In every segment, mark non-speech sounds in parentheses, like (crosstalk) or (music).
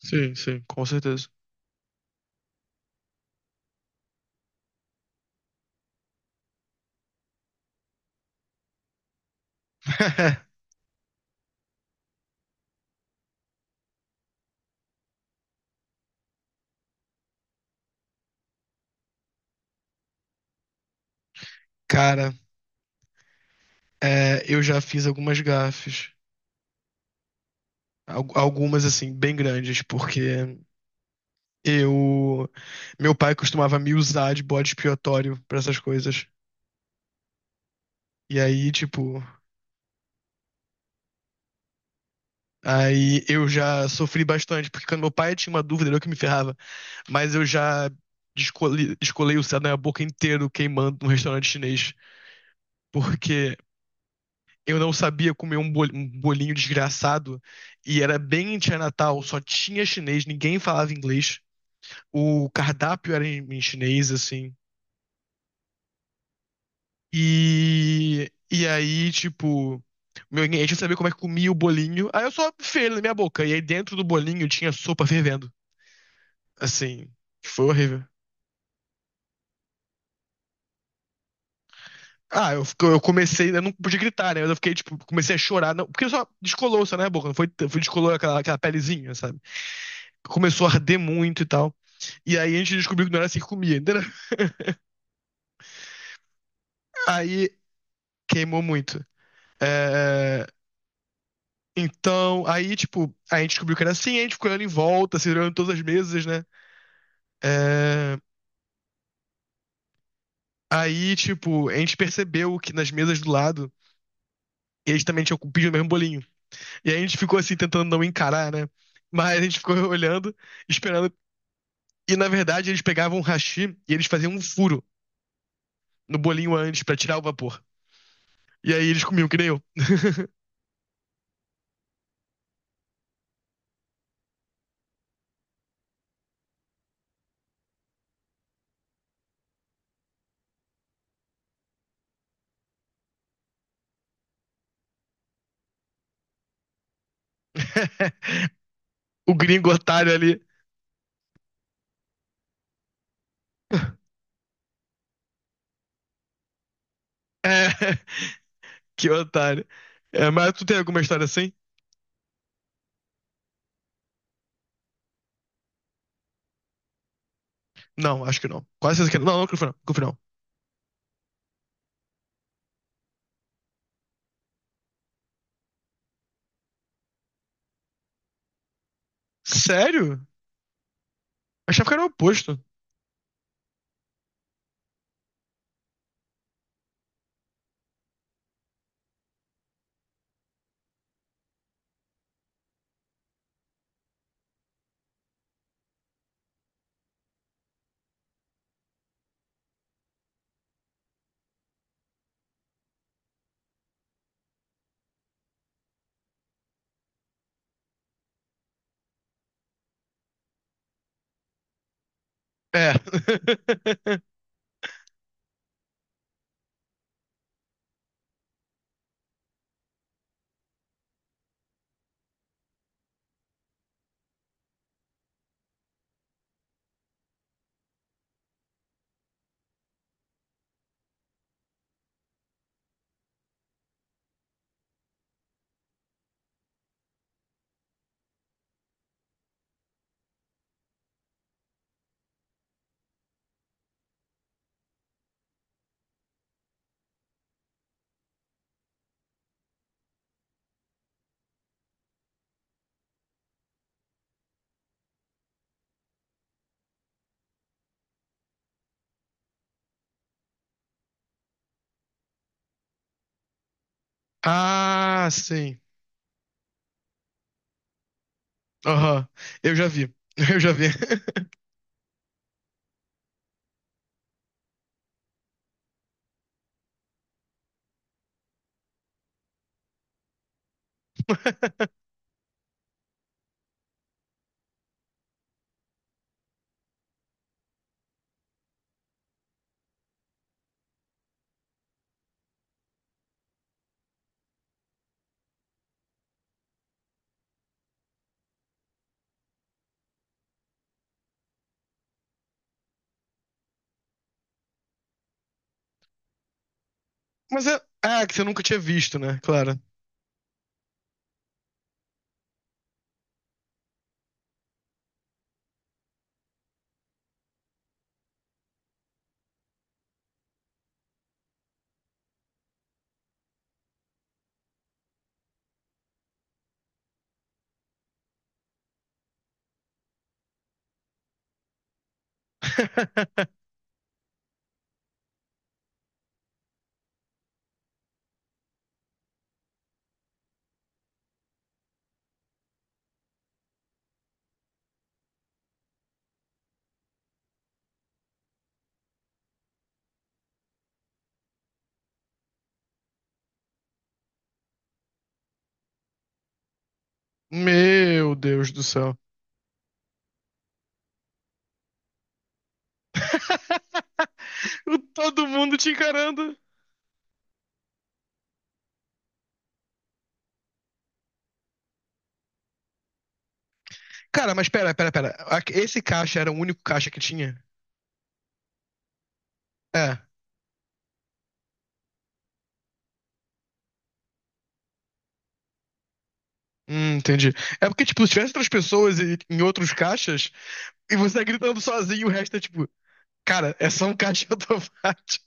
Sim, sim, com certeza. (laughs) Cara, eu já fiz algumas gafes, algumas assim, bem grandes, porque eu. Meu pai costumava me usar de bode expiatório pra essas coisas. E aí, tipo. Aí eu já sofri bastante, porque quando meu pai tinha uma dúvida, era eu que me ferrava. Mas eu já descolei o céu da minha boca inteiro queimando num restaurante chinês, porque eu não sabia comer um bolinho desgraçado. E era bem em Natal, só tinha chinês, ninguém falava inglês. O cardápio era em chinês, assim. E aí, tipo, meu, ninguém tinha saber como é que comia o bolinho. Aí eu só enfiei ele na minha boca. E aí dentro do bolinho tinha sopa fervendo. Assim, foi horrível. Ah, eu comecei, eu não podia gritar, né? Mas eu fiquei, tipo, comecei a chorar. Não, porque só descolou, só na minha boca, não foi descolou aquela pelezinha, sabe? Começou a arder muito e tal. E aí a gente descobriu que não era assim que comia, entendeu? Aí queimou muito. É, então, aí, tipo, a gente descobriu que era assim, a gente ficou olhando em volta, se olhando todas as mesas, né? É, aí, tipo, a gente percebeu que nas mesas do lado, eles também tinham pedido o mesmo bolinho. E aí a gente ficou assim, tentando não encarar, né? Mas a gente ficou (laughs) olhando, esperando. E na verdade, eles pegavam um hashi e eles faziam um furo no bolinho antes pra tirar o vapor. E aí eles comiam, que nem eu. (laughs) O gringo otário ali. (laughs) É, que otário. É, mas tu tem alguma história assim? Não, acho que não. Quase certeza que não. Não, não, Cliff, não. Cliff, não. Sério? Achava que era o oposto. É. (laughs) Ah, sim. Aham. Eu já vi. (laughs) Eu já vi. (laughs) Mas é. Ah, que você nunca tinha visto, né? Claro. (laughs) Meu Deus do céu. (laughs) Todo mundo te encarando. Cara, mas pera, pera, pera. Esse caixa era o único caixa que tinha? É. Entendi. É porque, tipo, se tivesse outras pessoas em outros caixas, e você tá gritando sozinho, e o resto é tipo, cara, é só um caixa automático.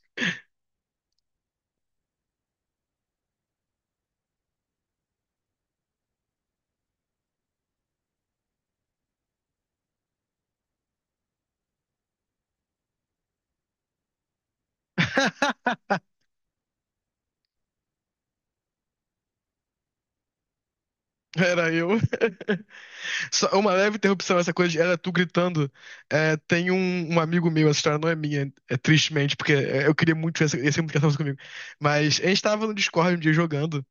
(laughs) Era eu. (laughs) Só uma leve interrupção, essa coisa de era tu gritando. É, tem um amigo meu, essa história não é minha, é tristemente, porque é, eu queria muito essa comunicação comigo. Mas a gente tava no Discord um dia jogando.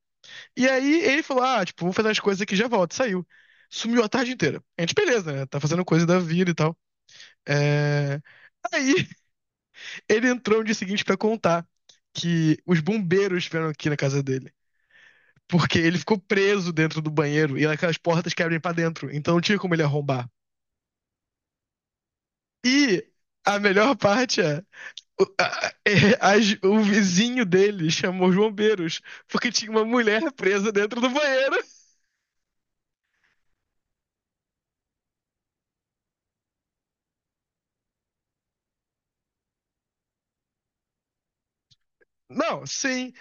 E aí ele falou: Ah, tipo, vou fazer umas coisas aqui, e já volto. Saiu. Sumiu a tarde inteira. A gente, beleza, né? Tá fazendo coisa da vida e tal. É... Aí ele entrou no dia seguinte pra contar que os bombeiros vieram aqui na casa dele. Porque ele ficou preso dentro do banheiro e aquelas portas que abrem pra dentro. Então não tinha como ele arrombar. E a melhor parte é. O, a- é, o vizinho dele chamou os bombeiros porque tinha uma mulher presa dentro do banheiro. Não, sim.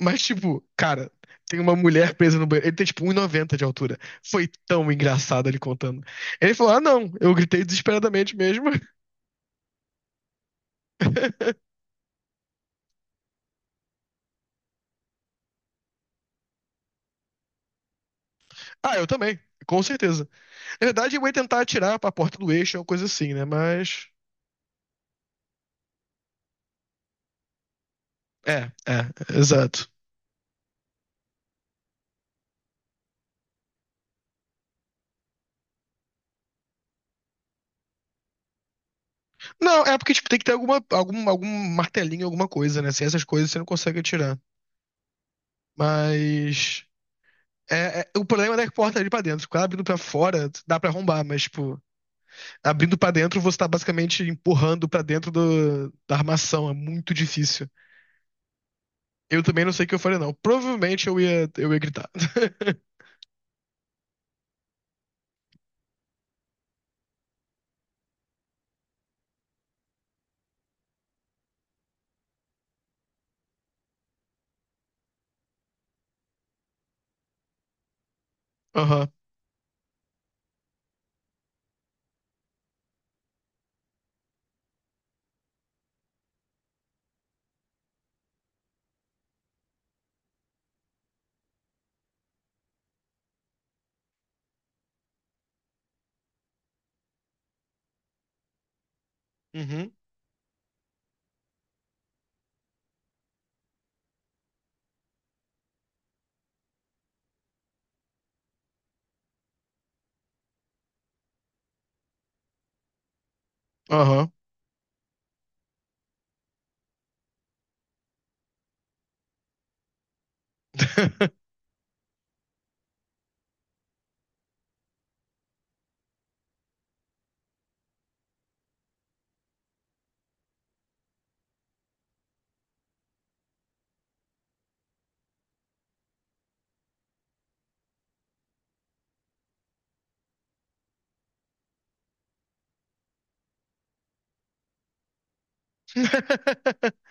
Mas, tipo, cara, tem uma mulher presa no banheiro. Ele tem, tipo, 1,90 de altura. Foi tão engraçado ele contando. Ele falou: Ah, não, eu gritei desesperadamente mesmo. (laughs) Ah, eu também, com certeza. Na verdade, eu ia tentar atirar pra porta do eixo, uma coisa assim, né? Mas. É, é, exato. Não, é porque tipo, tem que ter algum martelinho, alguma coisa, né? Sem essas coisas você não consegue atirar. Mas. É, o problema não é que a porta é ali pra dentro. Quando ela abrindo pra fora, dá pra arrombar, mas, tipo, abrindo pra dentro, você tá basicamente empurrando pra dentro da armação. É muito difícil. Eu também não sei o que eu falei, não. Provavelmente eu ia gritar. (laughs) Aham. Uhum. Aham. (laughs) (laughs)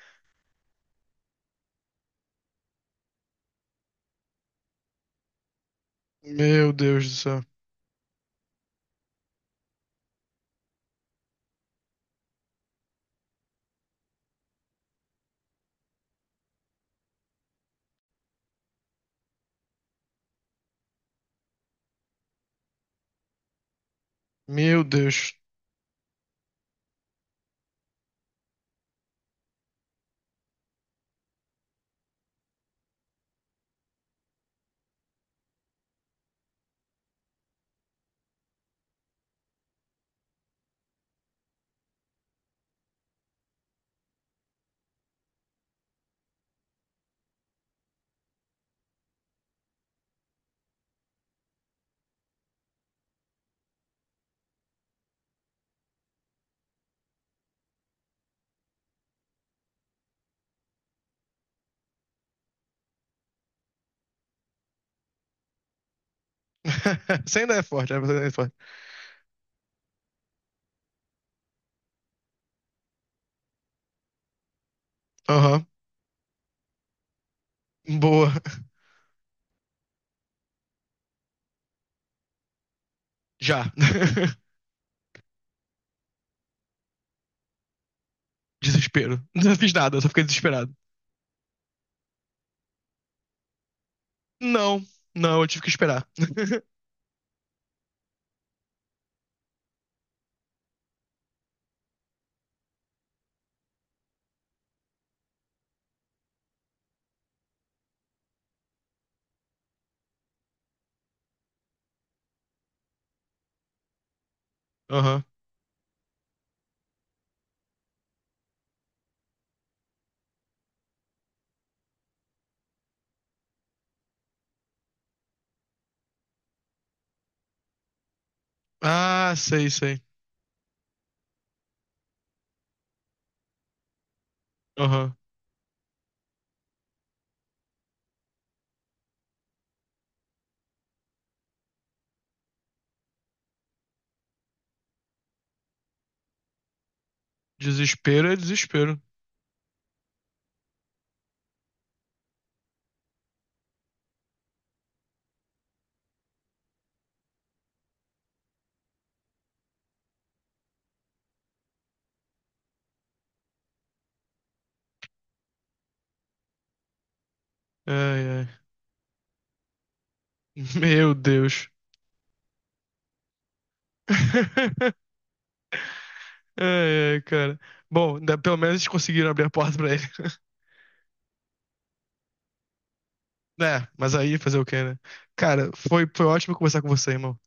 Meu Deus do céu. Meu Deus. (laughs) Você ainda é forte, né? Você ainda é forte. Aham. Boa. Já. (laughs) Desespero. Não fiz nada, só fiquei desesperado. Não, não, eu tive que esperar. Aham. Ah, sei, sei. Aham. Desespero é desespero. Ai, ai. Meu Deus. (laughs) Ai, ai, cara. Bom, pelo menos eles conseguiram abrir a porta pra ele. (laughs) É, mas aí fazer o quê, né? Cara, foi ótimo conversar com você, irmão.